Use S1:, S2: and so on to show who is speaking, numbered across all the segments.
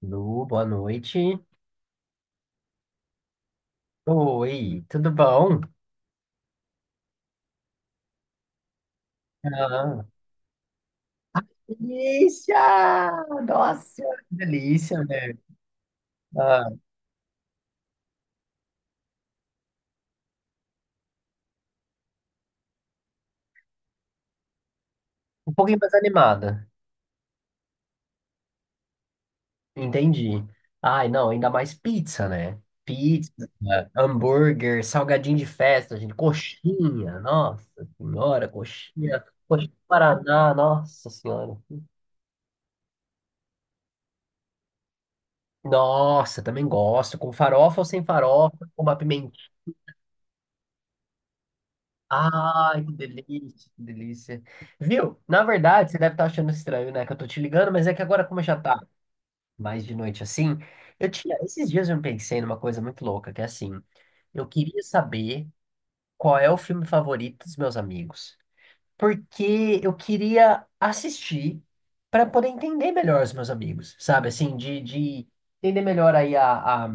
S1: Lu, boa noite. Oi, tudo bom? Ah, delícia! Nossa, que delícia, né? Ah, um pouquinho mais animada, entendi. Ai, não, ainda mais pizza, né? Pizza, hambúrguer, salgadinho de festa, gente, coxinha, nossa senhora, coxinha, coxinha de Paraná, nossa senhora. Nossa, também gosto, com farofa ou sem farofa, com uma pimentinha. Ai, que delícia, que delícia. Viu? Na verdade, você deve estar achando estranho, né? Que eu tô te ligando, mas é que agora, como já tá mais de noite assim, eu tinha. Esses dias eu me pensei numa coisa muito louca, que é assim, eu queria saber qual é o filme favorito dos meus amigos. Porque eu queria assistir para poder entender melhor os meus amigos, sabe? Assim, de entender melhor aí a,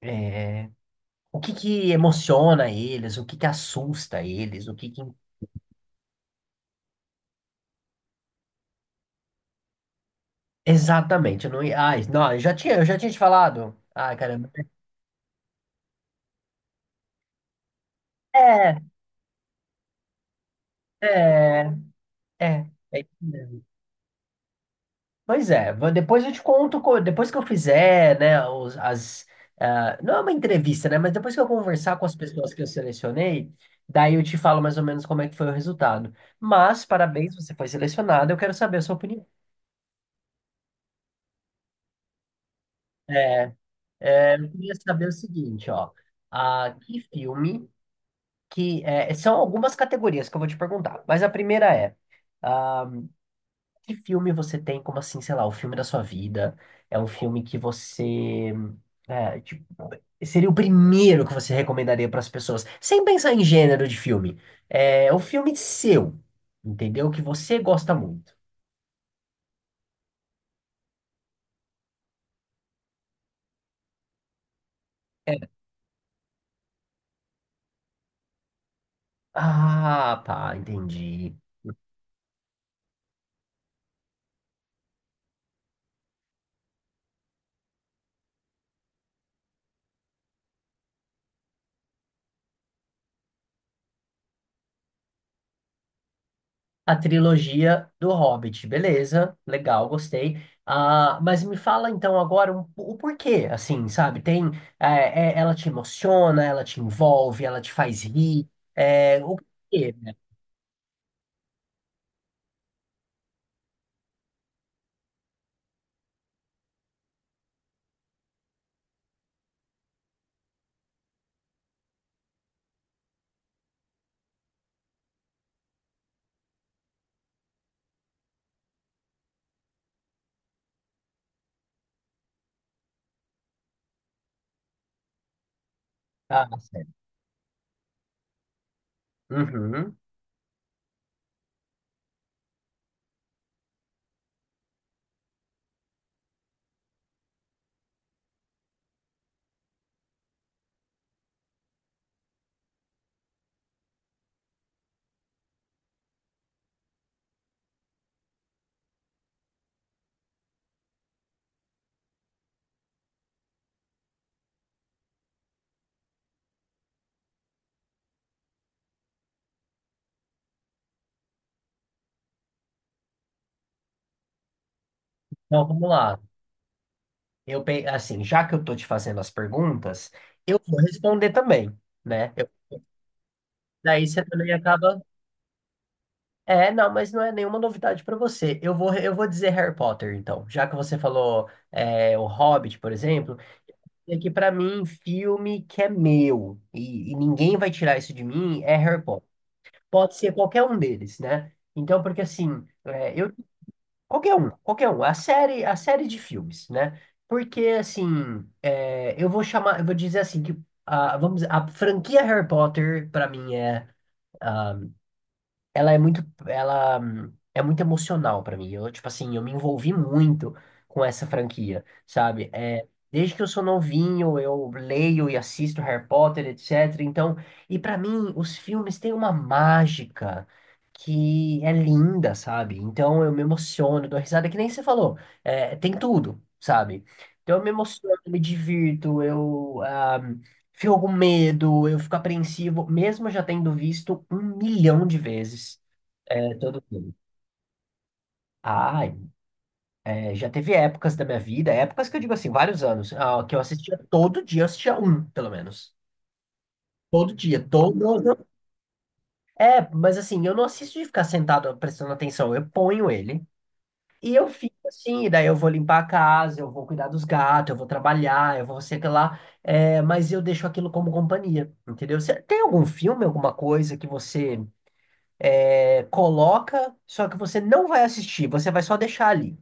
S1: é, o que que emociona eles, o que que assusta eles, o que que... Exatamente, eu não ia. Ai, não, eu já tinha te falado. Ai, caramba. É, é, é. É, isso mesmo. Pois é, depois eu te conto, depois que eu fizer, né, as, ah, não é uma entrevista, né, mas depois que eu conversar com as pessoas que eu selecionei, daí eu te falo mais ou menos como é que foi o resultado. Mas, parabéns, você foi selecionado, eu quero saber a sua opinião. É, eu queria saber o seguinte, ó, ah, que filme, que, é, são algumas categorias que eu vou te perguntar, mas a primeira é, ah, que filme você tem como assim, sei lá, o filme da sua vida? É um filme que você... é, tipo, seria o primeiro que você recomendaria para as pessoas, sem pensar em gênero de filme. É o filme seu, entendeu? Que você gosta muito. Ah, tá, entendi. A trilogia do Hobbit, beleza, legal, gostei. Ah, mas me fala então agora o porquê, assim, sabe? Tem, é, ela te emociona, ela te envolve, ela te faz rir, é, o quê, né? Ah, certo. Uhum. Então vamos lá. Eu, assim, já que eu tô te fazendo as perguntas, eu vou responder também, né? Daí você também acaba. É, não, mas não é nenhuma novidade pra você. Eu vou dizer Harry Potter, então, já que você falou é, o Hobbit, por exemplo. É que pra mim, um filme que é meu e ninguém vai tirar isso de mim é Harry Potter. Pode ser qualquer um deles, né? Então, porque assim, é, eu qualquer um, a série de filmes, né? Porque assim, é, eu vou dizer assim que a, vamos, dizer, a franquia Harry Potter pra mim é... ela é muito emocional pra mim. Eu, tipo assim, eu me envolvi muito com essa franquia, sabe? É, desde que eu sou novinho, eu leio e assisto Harry Potter, etc. Então, e pra mim, os filmes têm uma mágica que é linda, sabe? Então, eu me emociono, dou risada, que nem você falou. É, tem tudo, sabe? Então, eu me emociono, me divirto, eu ah, fico com medo, eu fico apreensivo, mesmo já tendo visto um milhão de vezes. É, todo mundo. Ai, é, já teve épocas da minha vida, épocas que eu digo assim, vários anos, ah, que eu assistia todo dia, eu assistia um, pelo menos. Todo dia, todo. É, mas assim, eu não assisto de ficar sentado prestando atenção, eu ponho ele e eu fico assim, e daí eu vou limpar a casa, eu vou cuidar dos gatos, eu vou trabalhar, eu vou sei que lá, é, mas eu deixo aquilo como companhia, entendeu? Você tem algum filme, alguma coisa que você é, coloca, só que você não vai assistir, você vai só deixar ali?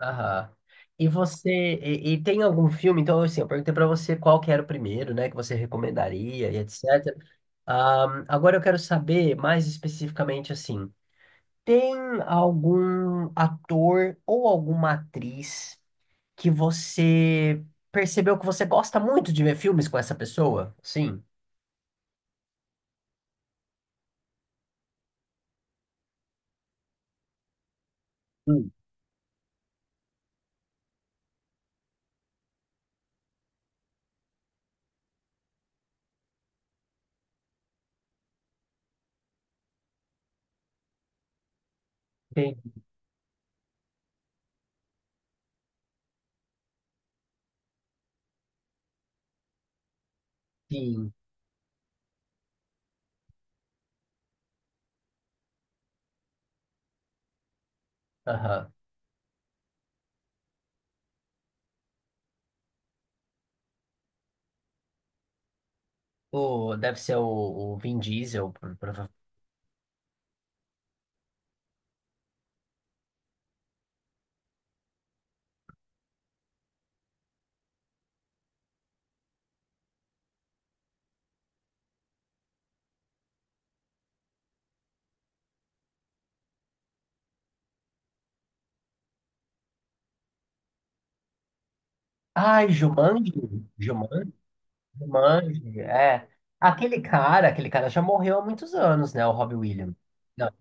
S1: Aham. E tem algum filme? Então, assim, eu perguntei pra você qual que era o primeiro, né, que você recomendaria e etc. Agora eu quero saber mais especificamente, assim, tem algum ator ou alguma atriz que você percebeu que você gosta muito de ver filmes com essa pessoa? Sim. Hum. Tem, sim. Aham. O, deve ser o Vin Diesel. Ai, Jumanji? Jumanji? Jumanji, é. Aquele cara já morreu há muitos anos, né? O Robbie Williams. Não.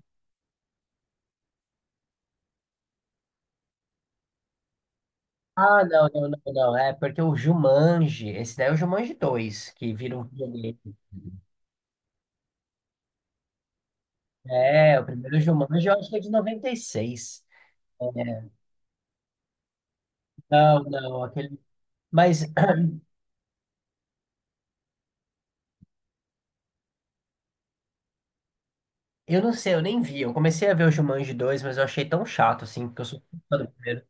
S1: Ah, não, não, não, não. É porque o Jumanji, esse daí é o Jumanji 2, que vira um videogame. É, o primeiro Jumanji eu acho que é de 96. É, não, não, aquele. Mas eu não sei, eu nem vi. Eu comecei a ver o Jumanji 2, mas eu achei tão chato, assim, porque eu sou fã do primeiro.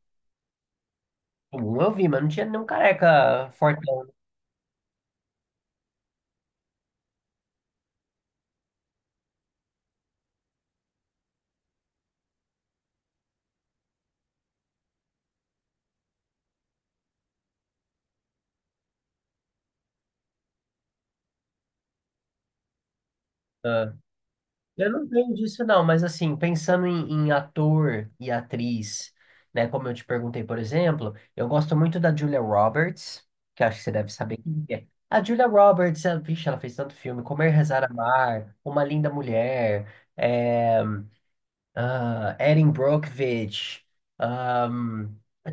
S1: O um eu vi, mas não tinha nenhum careca fortão. Né? Eu não tenho disso, não, mas assim, pensando em, em ator e atriz, né? Como eu te perguntei, por exemplo, eu gosto muito da Julia Roberts, que acho que você deve saber quem é. A Julia Roberts, ela, vixe, ela fez tanto filme, Comer, Rezar, Amar, Uma Linda Mulher, é, ah, Erin Brockovich, ah,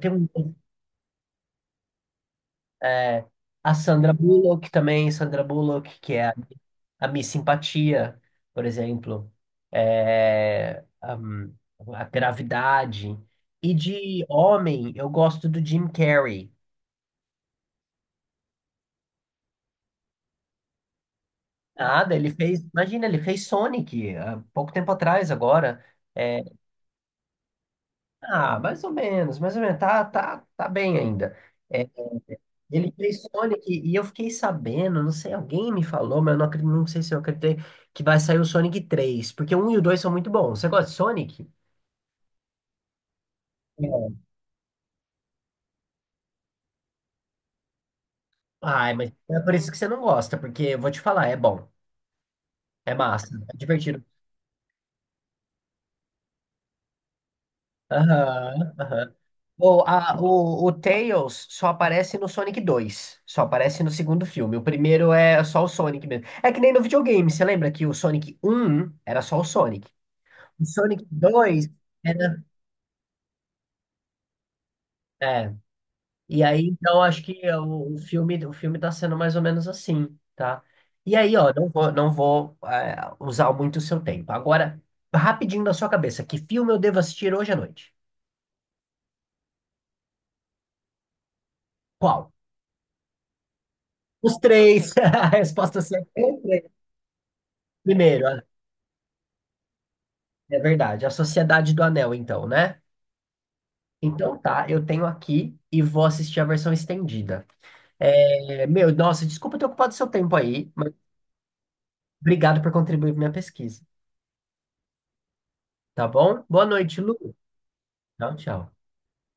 S1: tem um, é, a Sandra Bullock também, Sandra Bullock, que é a Miss Simpatia, por exemplo, é, hum, a Gravidade. E de homem, eu gosto do Jim Carrey. Nada, ele fez, imagina, ele fez Sonic há pouco tempo atrás agora. É, ah, mais ou menos, tá, tá, tá bem ainda. É, ele fez Sonic e eu fiquei sabendo, não sei, alguém me falou, mas eu não, não sei se eu acreditei, que vai sair o Sonic 3 porque o 1 e o 2 são muito bons. Você gosta de Sonic? Ai, mas é por isso que você não gosta, porque eu vou te falar, é bom, é massa, é divertido. Aham, aham. O Tails só aparece no Sonic dois, só aparece no segundo filme. O primeiro é só o Sonic mesmo. É que nem no videogame, você lembra que o Sonic um era só o Sonic? O Sonic 2 era. É, e aí, então, acho que é o filme tá sendo mais ou menos assim, tá? E aí, ó, não vou, não vou, é, usar muito o seu tempo. Agora, rapidinho na sua cabeça, que filme eu devo assistir hoje à noite? Qual? Os três! A resposta certa é os três. Primeiro, ah, é verdade, A Sociedade do Anel, então, né? Então tá, eu tenho aqui e vou assistir a versão estendida. É, meu, nossa, desculpa ter ocupado seu tempo aí, mas obrigado por contribuir para minha pesquisa, tá bom? Boa noite, Lu. Tchau, tchau.